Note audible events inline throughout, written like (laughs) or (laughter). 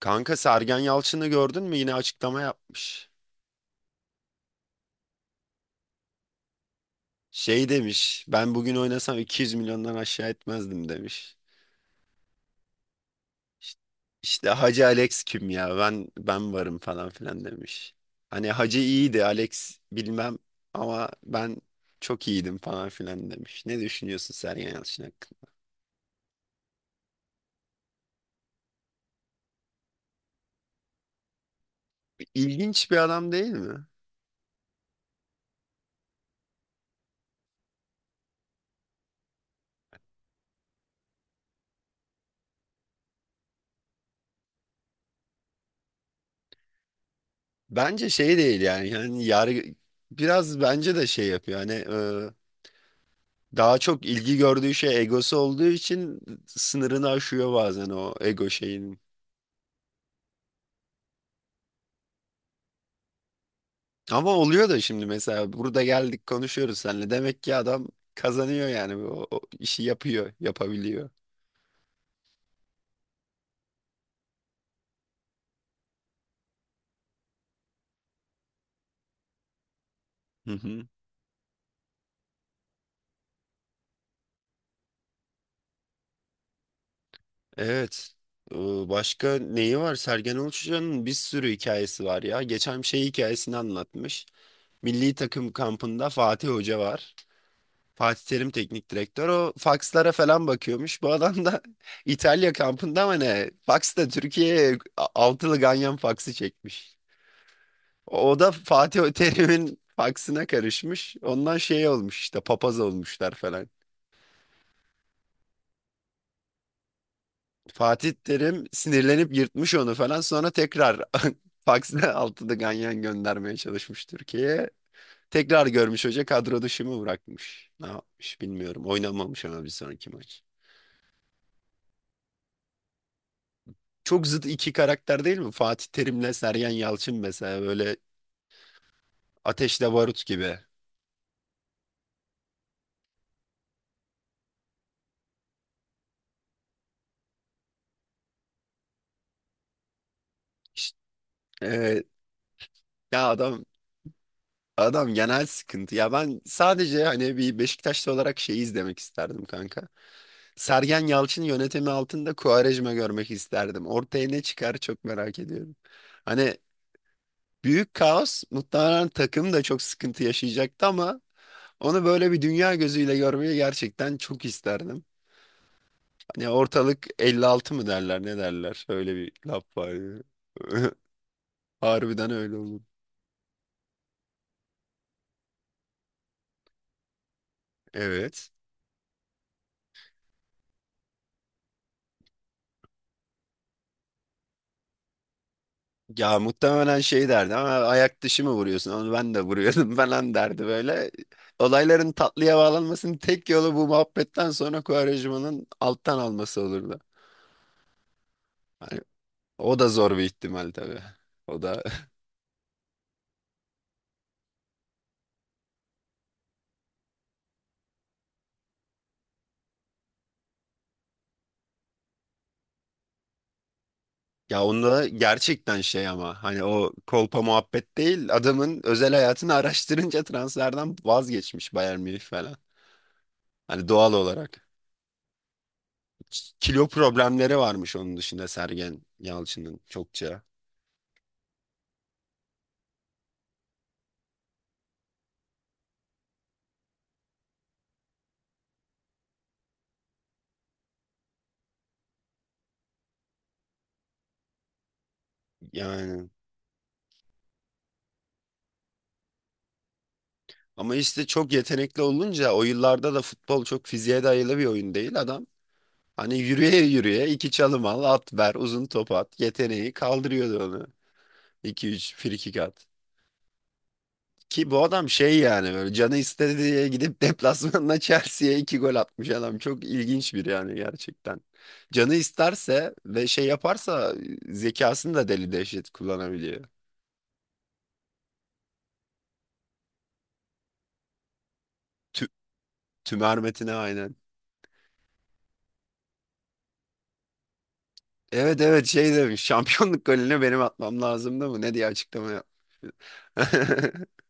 Kanka Sergen Yalçın'ı gördün mü? Yine açıklama yapmış. Şey demiş, ben bugün oynasam 200 milyondan aşağı etmezdim demiş. İşte, işte Hacı Alex kim ya? Ben varım falan filan demiş. Hani Hacı iyiydi, Alex bilmem ama ben çok iyiydim falan filan demiş. Ne düşünüyorsun Sergen Yalçın hakkında? İlginç bir adam değil mi? Bence şey değil yani. Yani yargı biraz bence de şey yapıyor. Hani daha çok ilgi gördüğü şey egosu olduğu için sınırını aşıyor bazen o ego şeyinin. Ama oluyor da şimdi mesela burada geldik konuşuyoruz seninle. Demek ki adam kazanıyor yani o işi yapıyor, yapabiliyor. Hı hı. Evet. Ee, Başka neyi var? Sergen Yalçın'ın bir sürü hikayesi var ya. Geçen şey hikayesini anlatmış. Milli takım kampında Fatih Hoca var. Fatih Terim teknik direktör o fakslara falan bakıyormuş. Bu adam da (laughs) İtalya kampında mı ne? Faksta Türkiye'ye altılı ganyan faksı çekmiş. O da Fatih Terim'in faksına karışmış. Ondan şey olmuş işte papaz olmuşlar falan. Fatih Terim sinirlenip yırtmış onu falan. Sonra tekrar (laughs) faksla altılı ganyan göndermeye çalışmış Türkiye'ye. Tekrar görmüş hoca kadro dışı mı bırakmış? Ne yapmış bilmiyorum. Oynamamış ama bir sonraki maç. Çok zıt iki karakter değil mi? Fatih Terim'le Sergen Yalçın mesela böyle ateşle barut gibi. İşte, e, ya adam genel sıkıntı. Ya ben sadece hani bir Beşiktaşlı olarak şeyi izlemek isterdim kanka. Sergen Yalçın yönetimi altında Quaresma görmek isterdim. Ortaya ne çıkar çok merak ediyorum. Hani büyük kaos muhtemelen takım da çok sıkıntı yaşayacaktı ama onu böyle bir dünya gözüyle görmeyi gerçekten çok isterdim. Ya ortalık 56 mı derler ne derler? Öyle bir laf var ya. (laughs) Harbiden öyle olur. Evet. Ya muhtemelen şey derdi ama ayak dışı mı vuruyorsun? Onu ben de vuruyordum (laughs) falan derdi böyle. Olayların tatlıya bağlanmasının tek yolu bu muhabbetten sonra Kuvarecma'nın alttan alması olurdu. Hani o da zor bir ihtimal tabii. O da (laughs) ya onda gerçekten şey ama hani o kolpa muhabbet değil adamın özel hayatını araştırınca transferden vazgeçmiş Bayern Münih falan. Hani doğal olarak. Kilo problemleri varmış onun dışında Sergen Yalçın'ın çokça. Yani ama işte çok yetenekli olunca o yıllarda da futbol çok fiziğe dayalı bir oyun değil adam. Hani yürüye yürüye iki çalım al, at ver, uzun top at. Yeteneği kaldırıyordu onu. 2-3 frikik at. Ki bu adam şey yani böyle canı istedi diye gidip deplasmanda (laughs) Chelsea'ye iki gol atmış adam. Çok ilginç bir yani gerçekten. Canı isterse ve şey yaparsa zekasını da deli dehşet kullanabiliyor. Tü tümermetine aynen. Evet, evet, şey demiş şampiyonluk golünü benim atmam lazımdı mı ne diye açıklama yap. (laughs)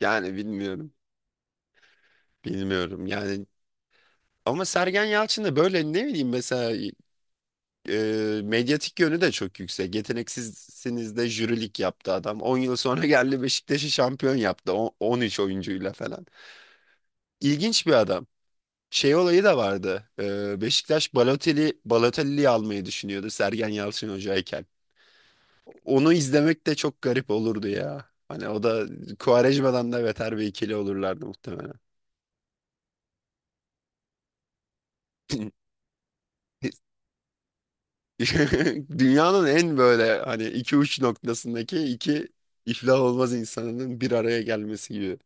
Yani bilmiyorum. Bilmiyorum yani ama Sergen Yalçın da böyle ne bileyim mesela medyatik yönü de çok yüksek. Yeteneksizsiniz de jürilik yaptı adam. 10 yıl sonra geldi Beşiktaş'ı şampiyon yaptı. 13 oyuncuyla falan. İlginç bir adam. Şey olayı da vardı. Beşiktaş Balotelli'yi almayı düşünüyordu Sergen Yalçın hocayken. Onu izlemek de çok garip olurdu ya. Hani o da Quaresma'dan da beter bir ikili olurlardı muhtemelen. (laughs) Dünyanın en böyle hani iki uç noktasındaki iki iflah olmaz insanının bir araya gelmesi gibi.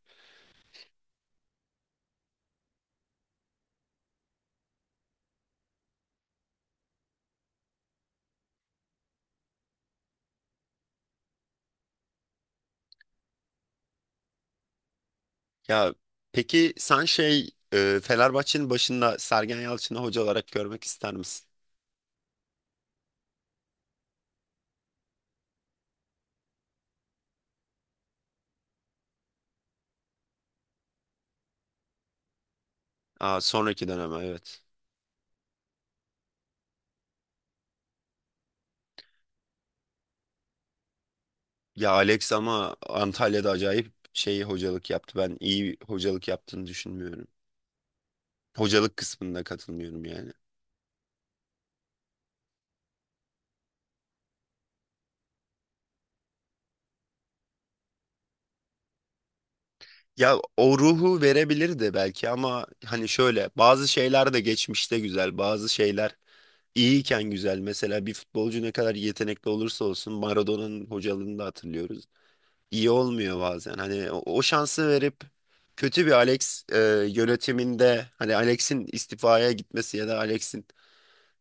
Ya peki sen şey Fenerbahçe'nin başında Sergen Yalçın'ı hoca olarak görmek ister misin? Aa, sonraki döneme evet. Ya Alex ama Antalya'da acayip şey hocalık yaptı. Ben iyi hocalık yaptığını düşünmüyorum. Hocalık kısmında katılmıyorum yani. Ya o ruhu verebilirdi belki ama hani şöyle bazı şeyler de geçmişte güzel, bazı şeyler iyiyken güzel. Mesela bir futbolcu ne kadar yetenekli olursa olsun Maradona'nın hocalığını da hatırlıyoruz. İyi olmuyor bazen. Hani o şansı verip kötü bir Alex yönetiminde hani Alex'in istifaya gitmesi ya da Alex'in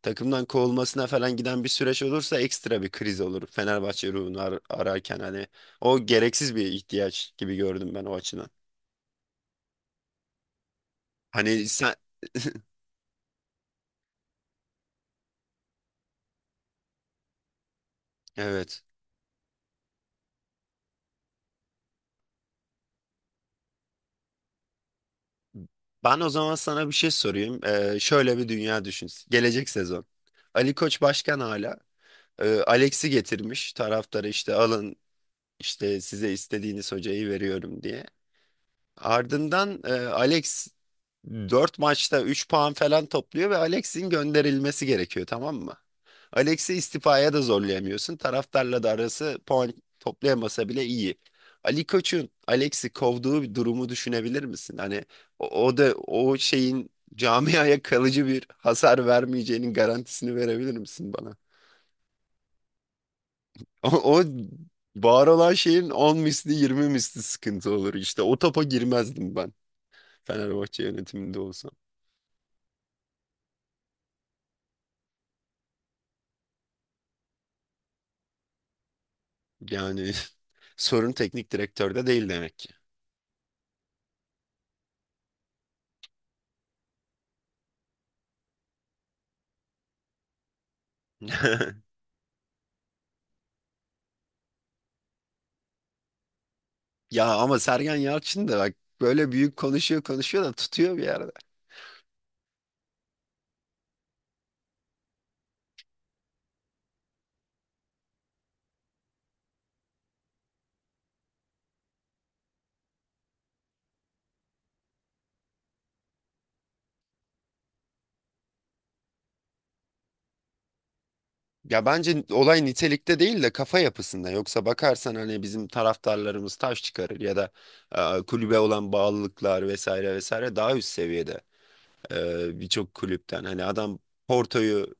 takımdan kovulmasına falan giden bir süreç olursa ekstra bir kriz olur. Fenerbahçe ruhunu ararken hani o gereksiz bir ihtiyaç gibi gördüm ben o açıdan. Hani sen (laughs) evet. Ben o zaman sana bir şey sorayım. Şöyle bir dünya düşün. Gelecek sezon. Ali Koç başkan hala. Alex'i getirmiş. Taraftarı işte alın, İşte size istediğiniz hocayı veriyorum diye. Ardından Alex 4 maçta 3 puan falan topluyor ve Alex'in gönderilmesi gerekiyor, tamam mı? Alex'i istifaya da zorlayamıyorsun. Taraftarla da arası puan toplayamasa bile iyi. Ali Koç'un Alex'i kovduğu bir durumu düşünebilir misin? Hani o da o şeyin camiaya kalıcı bir hasar vermeyeceğinin garantisini verebilir misin bana? (laughs) O, o var olan şeyin 10 misli 20 misli sıkıntı olur. İşte o topa girmezdim ben Fenerbahçe yönetiminde olsam. Yani (laughs) sorun teknik direktörde değil demek ki. (laughs) Ya ama Sergen Yalçın da bak böyle büyük konuşuyor konuşuyor da tutuyor bir yerde. Ya bence olay nitelikte değil de kafa yapısında. Yoksa bakarsan hani bizim taraftarlarımız taş çıkarır ya da kulübe olan bağlılıklar vesaire vesaire daha üst seviyede birçok kulüpten. Hani adam Porto'yu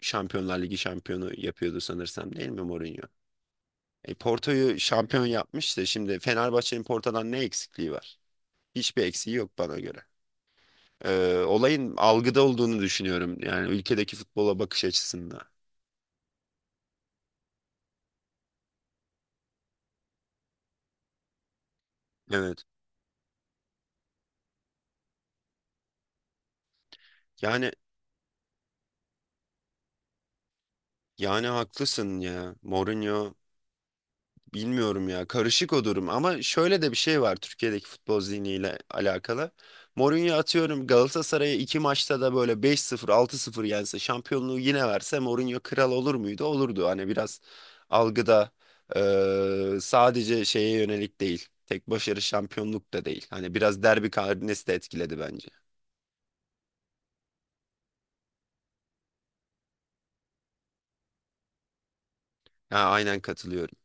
Şampiyonlar Ligi şampiyonu yapıyordu sanırsam değil mi Mourinho? Porto'yu şampiyon yapmış da şimdi Fenerbahçe'nin Porto'dan ne eksikliği var? Hiçbir eksiği yok bana göre. Olayın algıda olduğunu düşünüyorum. Yani ülkedeki futbola bakış açısında. Evet. Yani yani haklısın ya. Mourinho. Bilmiyorum ya, karışık o durum ama şöyle de bir şey var Türkiye'deki futbol zihniyle alakalı. Mourinho atıyorum Galatasaray'a iki maçta da böyle 5-0 6-0 yense şampiyonluğu yine verse Mourinho kral olur muydu? Olurdu hani biraz algıda sadece şeye yönelik değil, tek başarı şampiyonluk da değil hani biraz derbi karnesi de etkiledi bence. Ha, aynen katılıyorum.